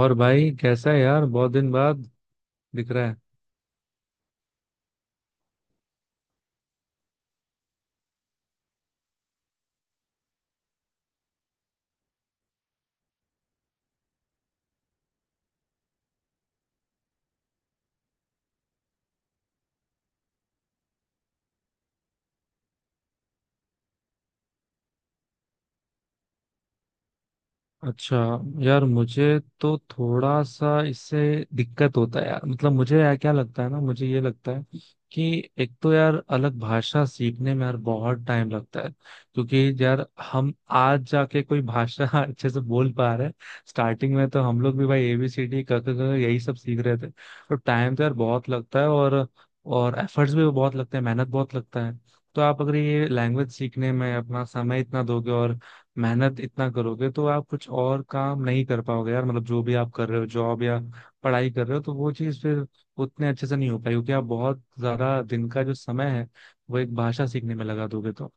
और भाई कैसा है यार, बहुत दिन बाद दिख रहा है। अच्छा, यार मुझे तो थोड़ा सा इससे दिक्कत होता है यार। मतलब मुझे, यार क्या लगता है ना, मुझे ये लगता है कि एक तो यार अलग भाषा सीखने में यार बहुत टाइम लगता है, क्योंकि यार हम आज जाके कोई भाषा अच्छे से बोल पा रहे हैं। स्टार्टिंग में तो हम लोग भी भाई एबीसीडी, क ख ग, यही सब सीख रहे थे। तो टाइम तो यार बहुत लगता है, और एफर्ट्स भी बहुत लगते हैं, मेहनत बहुत लगता है। तो आप अगर ये लैंग्वेज सीखने में अपना समय इतना दोगे और मेहनत इतना करोगे, तो आप कुछ और काम नहीं कर पाओगे यार। मतलब जो भी आप कर रहे हो, जॉब या पढ़ाई कर रहे हो, तो वो चीज़ फिर उतने अच्छे से नहीं हो पाएगी, क्योंकि आप बहुत ज्यादा दिन का जो समय है वो एक भाषा सीखने में लगा दोगे तो।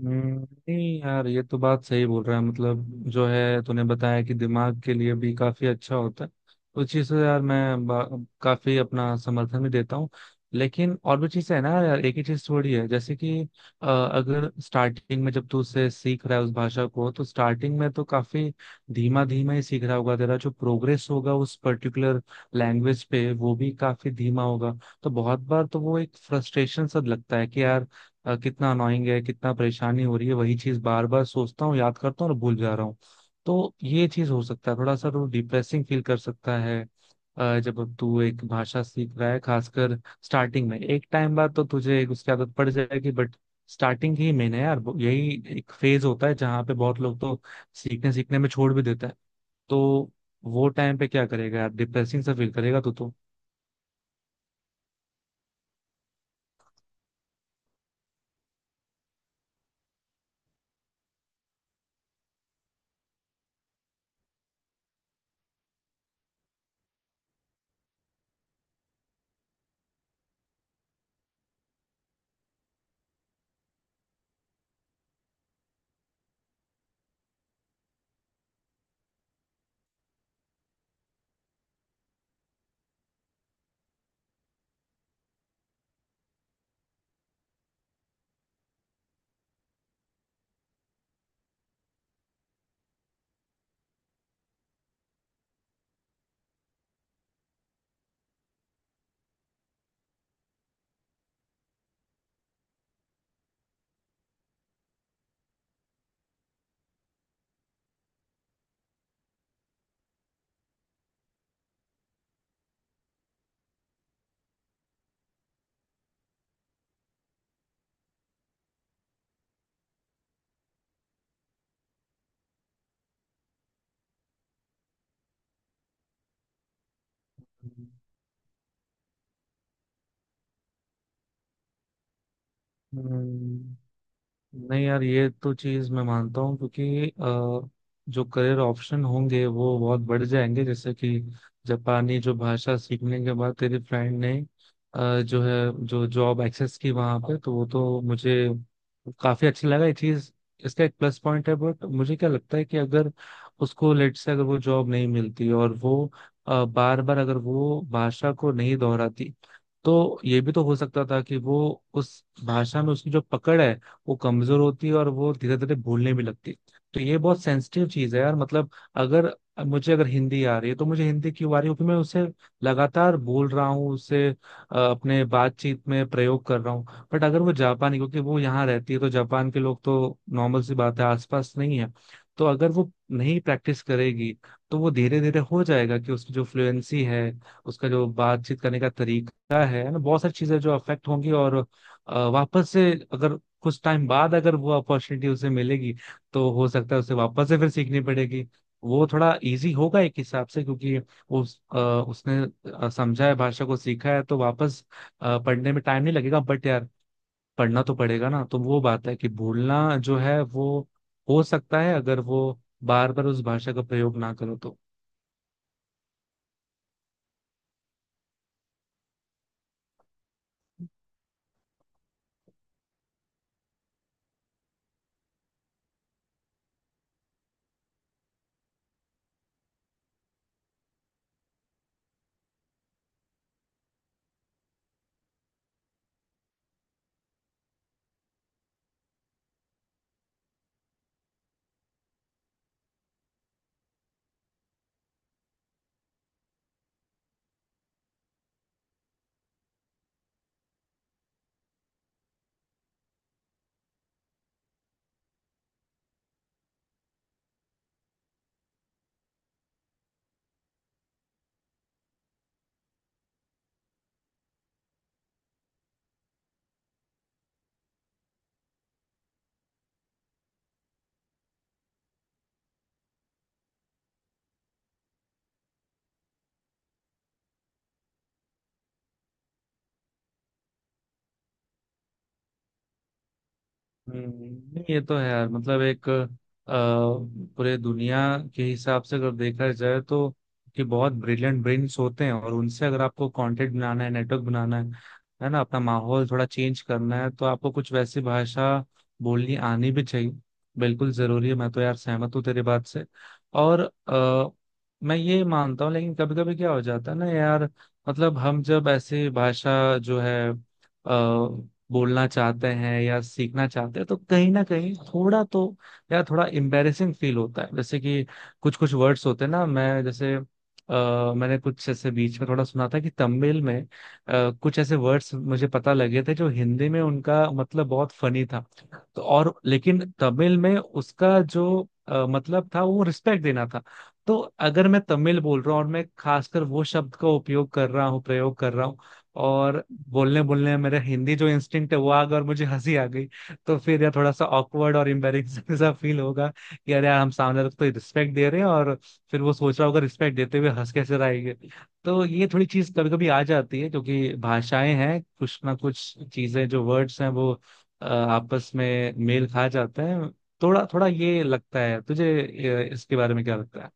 हम्म, नहीं यार, ये तो बात सही बोल रहा है। मतलब जो है, तूने बताया कि दिमाग के लिए भी काफी अच्छा होता है, तो उस चीज से यार मैं काफी अपना समर्थन भी देता हूँ। लेकिन और भी चीजें है ना यार, एक ही चीज थोड़ी है। जैसे कि अगर स्टार्टिंग में जब तू उसे सीख रहा है उस भाषा को, तो स्टार्टिंग में तो काफी धीमा धीमा ही सीख रहा होगा। तेरा जो प्रोग्रेस होगा उस पर्टिकुलर लैंग्वेज पे, वो भी काफी धीमा होगा। तो बहुत बार तो वो एक फ्रस्ट्रेशन सा लगता है कि यार कितना अनोइंग है, कितना परेशानी हो रही है, वही चीज बार बार सोचता हूँ, याद करता हूँ और भूल जा रहा हूँ। तो ये चीज हो सकता है थोड़ा सा तो डिप्रेसिंग फील कर सकता है। जब तू एक भाषा सीख रहा है, खासकर स्टार्टिंग में, एक टाइम बाद तो तुझे उसकी आदत पड़ जाएगी, बट स्टार्टिंग ही मेन है यार। यही एक फेज होता है जहाँ पे बहुत लोग तो सीखने सीखने में छोड़ भी देता है। तो वो टाइम पे क्या करेगा यार, डिप्रेसिंग सा फील करेगा तू तो। हम्म, नहीं यार, ये तो चीज मैं मानता हूँ, क्योंकि जो करियर ऑप्शन होंगे वो बहुत बढ़ जाएंगे। जैसे कि जापानी जो भाषा सीखने के बाद तेरी फ्रेंड ने जो है, जो जॉब एक्सेस की वहां पे, तो वो तो मुझे काफी अच्छा लगा ये चीज। इसका एक प्लस पॉइंट है, बट मुझे क्या लगता है कि अगर उसको लेट से अगर वो जॉब नहीं मिलती, और वो बार बार अगर वो भाषा को नहीं दोहराती, तो ये भी तो हो सकता था कि वो उस भाषा में उसकी जो पकड़ है वो कमजोर होती है, और वो धीरे धीरे भूलने भी लगती है। तो ये बहुत सेंसिटिव चीज है यार। मतलब अगर मुझे, अगर हिंदी आ रही है, तो मुझे हिंदी क्यों आ रही है? क्योंकि मैं उसे लगातार बोल रहा हूँ, उसे अपने बातचीत में प्रयोग कर रहा हूँ। बट अगर वो जापानी, क्योंकि वो यहाँ रहती है, तो जापान के लोग तो नॉर्मल सी बात है आसपास नहीं है। तो अगर वो नहीं प्रैक्टिस करेगी, तो वो धीरे धीरे हो जाएगा कि उसकी जो फ्लुएंसी है, उसका जो बातचीत करने का तरीका है ना, बहुत सारी चीजें जो अफेक्ट होंगी। और वापस से, अगर कुछ टाइम बाद अगर वो अपॉर्चुनिटी उसे मिलेगी, तो हो सकता है उसे वापस से फिर सीखनी पड़ेगी। वो थोड़ा इजी होगा एक हिसाब से, क्योंकि उसने समझा है, भाषा को सीखा है, तो वापस पढ़ने में टाइम नहीं लगेगा। बट यार पढ़ना तो पड़ेगा ना। तो वो बात है कि भूलना जो है वो हो सकता है अगर वो बार बार उस भाषा का प्रयोग ना करो तो। हम्म, नहीं ये तो है यार। मतलब एक पूरे दुनिया के हिसाब से अगर देखा जाए तो, कि बहुत ब्रिलियंट ब्रेन्स होते हैं, और उनसे अगर आपको कंटेंट बनाना है, नेटवर्क बनाना है ना, अपना माहौल थोड़ा चेंज करना है, तो आपको कुछ वैसी भाषा बोलनी आनी भी चाहिए, बिल्कुल जरूरी है। मैं तो यार सहमत हूँ तेरी बात से। और अ, मैं ये मानता हूँ, लेकिन कभी कभी क्या हो जाता है ना यार, मतलब हम जब ऐसे भाषा जो है बोलना चाहते हैं या सीखना चाहते हैं, तो कहीं ना कहीं थोड़ा तो, या थोड़ा एम्बेरेसिंग फील होता है। जैसे कि कुछ कुछ वर्ड्स होते हैं ना, मैं जैसे, मैंने कुछ ऐसे बीच में थोड़ा सुना था कि तमिल में कुछ ऐसे वर्ड्स मुझे पता लगे थे जो हिंदी में उनका मतलब बहुत फनी था। तो और लेकिन तमिल में उसका जो मतलब था वो रिस्पेक्ट देना था। तो अगर मैं तमिल बोल रहा हूँ, और मैं खासकर वो शब्द का उपयोग कर रहा हूँ, प्रयोग कर रहा हूँ, और बोलने बोलने में मेरा हिंदी जो इंस्टिंक्ट है वो आ गया, और मुझे हंसी आ गई, तो फिर यार थोड़ा सा ऑकवर्ड और एम्बेरेसिंग सा फील होगा कि यार यार हम सामने वाले को तो रिस्पेक्ट दे रहे हैं, और फिर वो सोच रहा होगा रिस्पेक्ट देते हुए हंस कैसे रहा है ये। तो ये थोड़ी चीज कभी कभी आ जाती है, क्योंकि भाषाएं हैं, कुछ ना कुछ चीजें जो वर्ड्स हैं वो आपस में मेल खा जाते हैं। थोड़ा थोड़ा ये लगता है तुझे इसके बारे में क्या लगता है?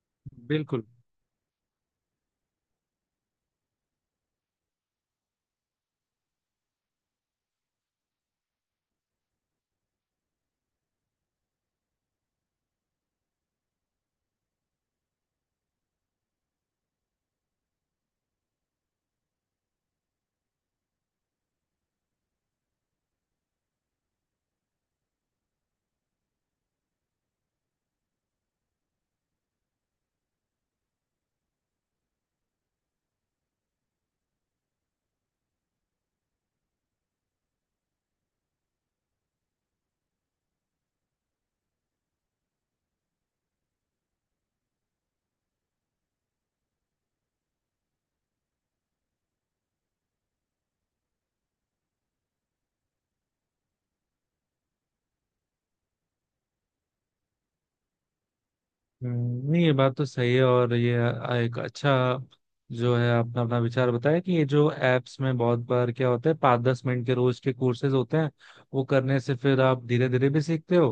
बिल्कुल। नहीं ये बात तो सही है। और ये एक अच्छा जो है आपने अपना विचार बताया, कि ये जो एप्स में बहुत बार क्या होता है, 5-10 मिनट के रोज के कोर्सेज होते हैं, वो करने से फिर आप धीरे धीरे भी सीखते हो।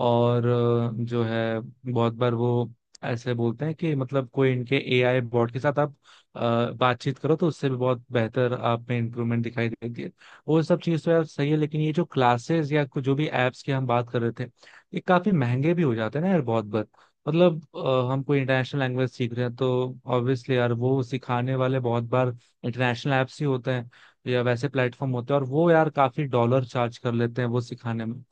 और जो है, बहुत बार वो ऐसे बोलते हैं कि मतलब कोई इनके एआई बॉट के साथ आप अ, बातचीत करो, तो उससे भी बहुत बेहतर आप में इम्प्रूवमेंट दिखाई देती है। वो सब चीज़ तो यार सही है, लेकिन ये जो क्लासेस या जो भी एप्स की हम बात कर रहे थे, ये काफी महंगे भी हो जाते हैं ना यार बहुत बार। मतलब हम कोई इंटरनेशनल लैंग्वेज सीख रहे हैं, तो ऑब्वियसली यार वो सिखाने वाले बहुत बार इंटरनेशनल ऐप्स ही होते हैं, या वैसे प्लेटफॉर्म होते हैं, और वो यार काफी डॉलर चार्ज कर लेते हैं वो सिखाने में।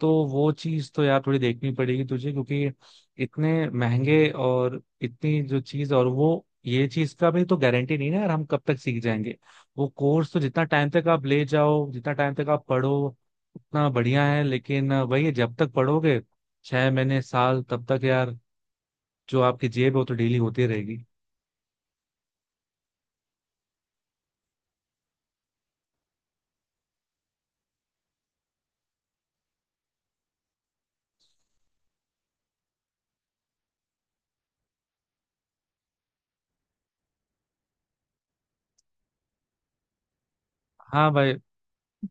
तो वो चीज तो यार थोड़ी देखनी पड़ेगी तुझे, क्योंकि इतने महंगे, और इतनी जो चीज, और वो ये चीज का भी तो गारंटी नहीं ना यार हम कब तक सीख जाएंगे। वो कोर्स तो जितना टाइम तक आप ले जाओ, जितना टाइम तक आप पढ़ो, उतना बढ़िया है। लेकिन वही है, जब तक पढ़ोगे, 6 महीने, साल, तब तक यार जो आपकी जेब है वो तो डेली होती रहेगी। हाँ भाई,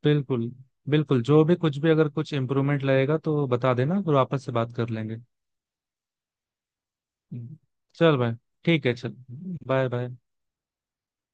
बिल्कुल। बिल्कुल, जो भी कुछ भी, अगर कुछ इम्प्रूवमेंट लगेगा तो बता देना, फिर वापस से बात कर लेंगे। चल भाई। ठीक है, चल। Bye bye.